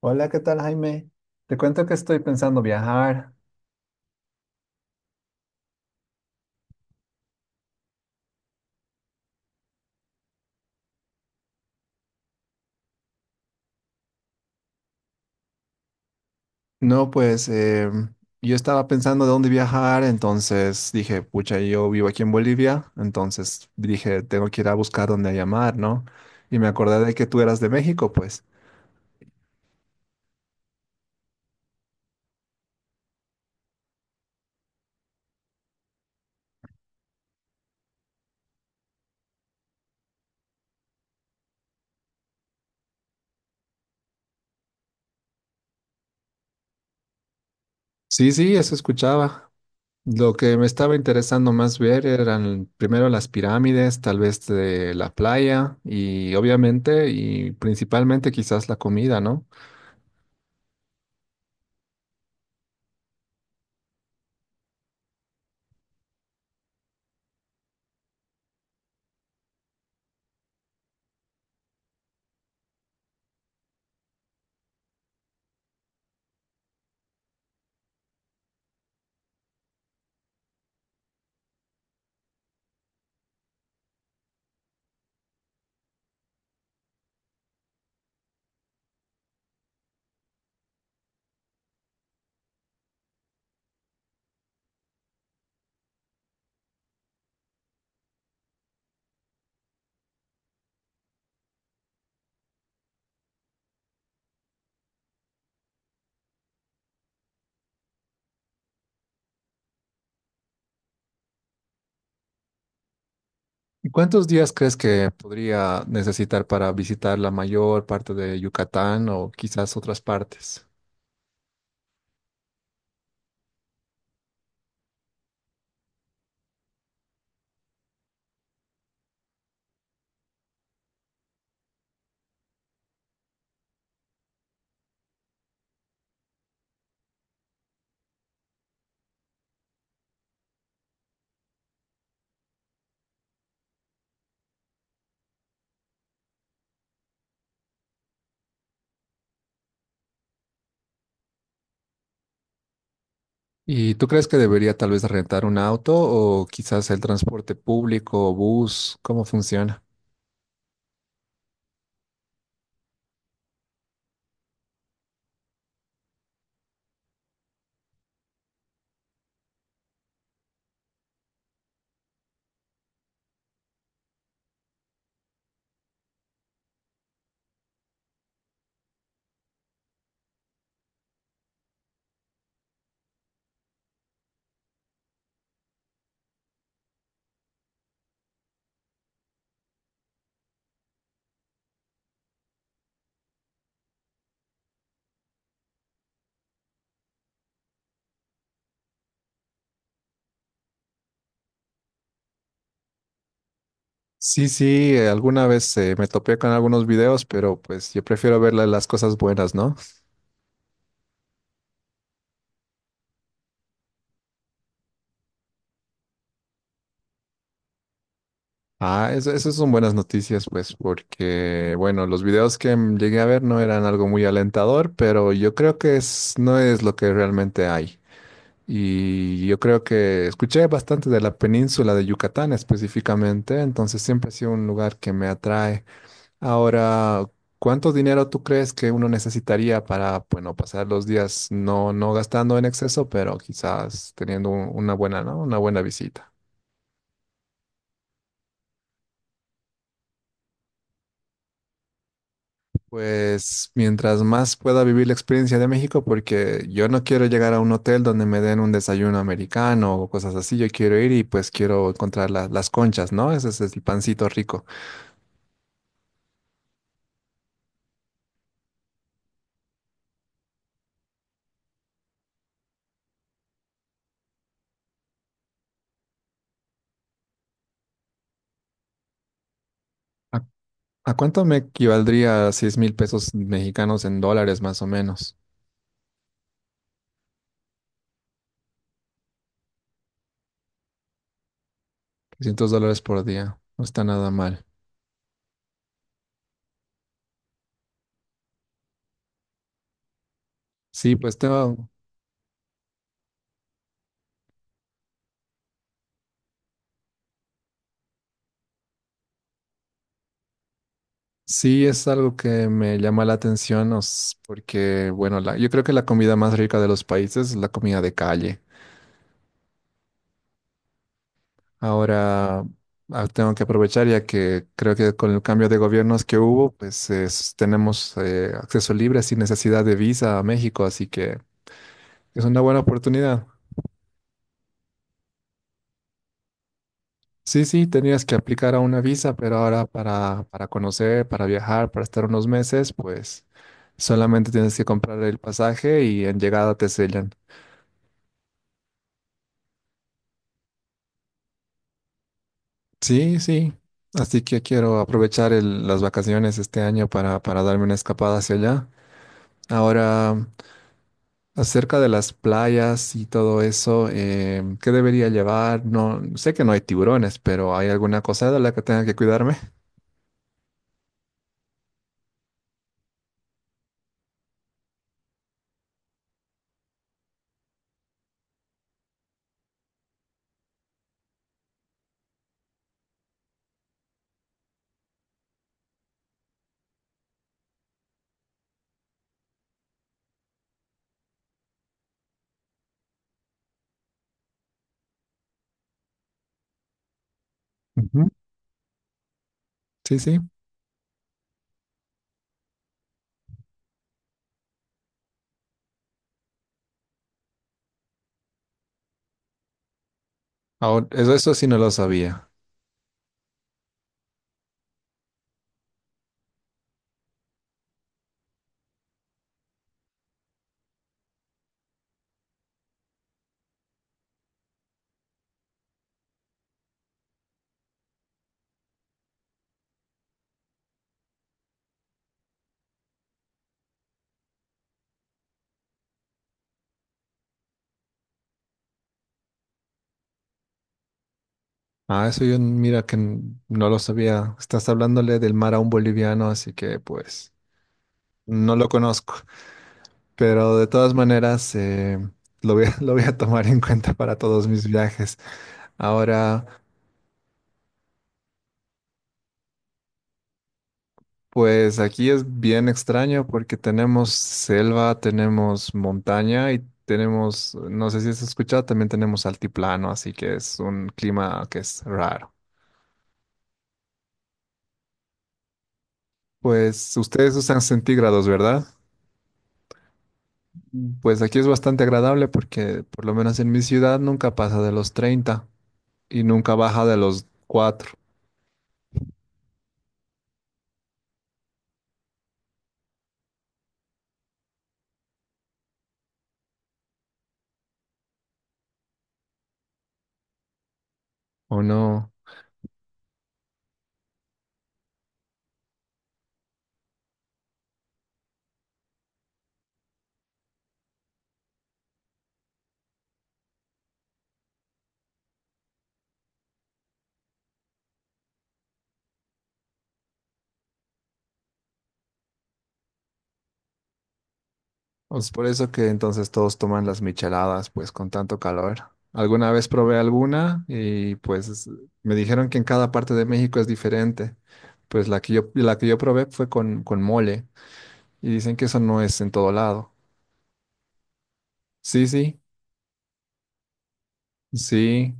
Hola, ¿qué tal, Jaime? Te cuento que estoy pensando viajar. No, pues yo estaba pensando de dónde viajar, entonces dije, pucha, yo vivo aquí en Bolivia, entonces dije, tengo que ir a buscar dónde llamar, ¿no? Y me acordé de que tú eras de México, pues. Sí, sí, eso escuchaba. Lo que me estaba interesando más ver eran primero las pirámides, tal vez de la playa y obviamente y principalmente quizás la comida, ¿no? ¿Y cuántos días crees que podría necesitar para visitar la mayor parte de Yucatán o quizás otras partes? ¿Y tú crees que debería tal vez rentar un auto o quizás el transporte público o bus? ¿Cómo funciona? Sí, sí, alguna vez me topé con algunos videos, pero pues yo prefiero ver las cosas buenas, ¿no? Ah, eso son buenas noticias, pues, porque, bueno, los videos que llegué a ver no eran algo muy alentador, pero yo creo que es, no es lo que realmente hay. Y yo creo que escuché bastante de la península de Yucatán específicamente, entonces siempre ha sido un lugar que me atrae. Ahora, ¿cuánto dinero tú crees que uno necesitaría para, bueno, pasar los días no, no gastando en exceso, pero quizás teniendo una buena, ¿no? Una buena visita? Pues mientras más pueda vivir la experiencia de México, porque yo no quiero llegar a un hotel donde me den un desayuno americano o cosas así, yo quiero ir y pues quiero encontrar las conchas, ¿no? Ese es el pancito rico. ¿A cuánto me equivaldría a 6 mil pesos mexicanos en dólares más o menos? $300 por día. No está nada mal. Sí, sí es algo que me llama la atención porque, bueno, yo creo que la comida más rica de los países es la comida de calle. Ahora, ah, tengo que aprovechar ya que creo que con el cambio de gobiernos que hubo, pues tenemos acceso libre sin necesidad de visa a México, así que es una buena oportunidad. Sí, sí, tenías que aplicar a una visa, pero ahora para conocer, para viajar, para estar unos meses, pues solamente tienes que comprar el pasaje y en llegada te sellan. Sí, sí. Así que quiero aprovechar las vacaciones este año para darme una escapada hacia allá. Ahora, acerca de las playas y todo eso, ¿qué debería llevar? No, sé que no hay tiburones, pero ¿hay alguna cosa de la que tenga que cuidarme? Ujú. Sí, sí. Ahora, eso sí no lo sabía. Ah, eso yo, mira que no lo sabía. Estás hablándole del mar a un boliviano, así que pues no lo conozco. Pero de todas maneras, lo voy a, lo voy a tomar en cuenta para todos mis viajes. Ahora, pues aquí es bien extraño porque tenemos selva, tenemos montaña y tenemos, no sé si has escuchado, también tenemos altiplano, así que es un clima que es raro. Pues ustedes usan centígrados, ¿verdad? Pues aquí es bastante agradable porque por lo menos en mi ciudad nunca pasa de los 30 y nunca baja de los 4. ¿O no? Pues por eso que entonces todos toman las micheladas, pues con tanto calor. Alguna vez probé alguna y pues me dijeron que en cada parte de México es diferente. Pues la que yo probé fue con mole y dicen que eso no es en todo lado. Sí, sí, sí,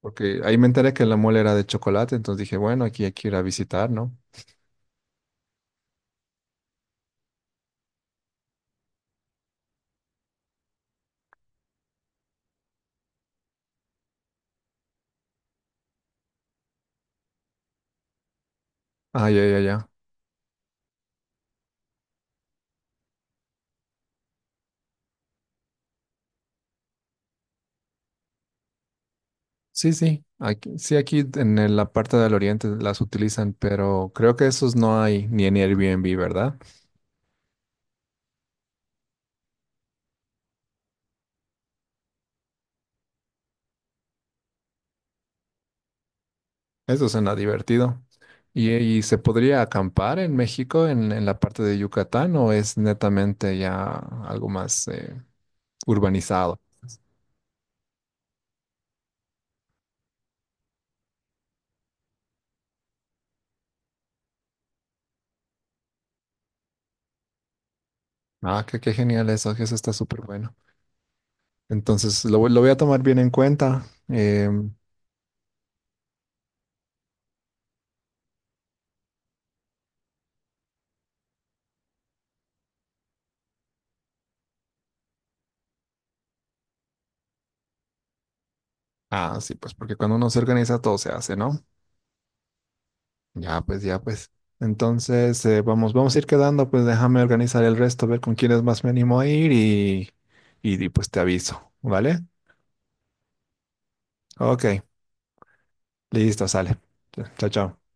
porque ahí me enteré que la mole era de chocolate, entonces dije, bueno, aquí hay que ir a visitar, ¿no? Ah, ya, ya, ya. Sí, sí, aquí en el- la parte del oriente las utilizan, pero creo que esos no hay ni en Airbnb, ¿verdad? Eso suena divertido. Y se podría acampar en México, en la parte de Yucatán, o es netamente ya algo más urbanizado? Ah, qué, qué genial eso, que eso está súper bueno. Entonces, lo voy a tomar bien en cuenta. Em, ah, sí, pues porque cuando uno se organiza, todo se hace, ¿no? Ya, pues, ya, pues. Entonces, vamos, vamos a ir quedando, pues déjame organizar el resto, ver con quiénes más me animo a ir y pues te aviso, ¿vale? Ok, listo, sale. Chao, chao.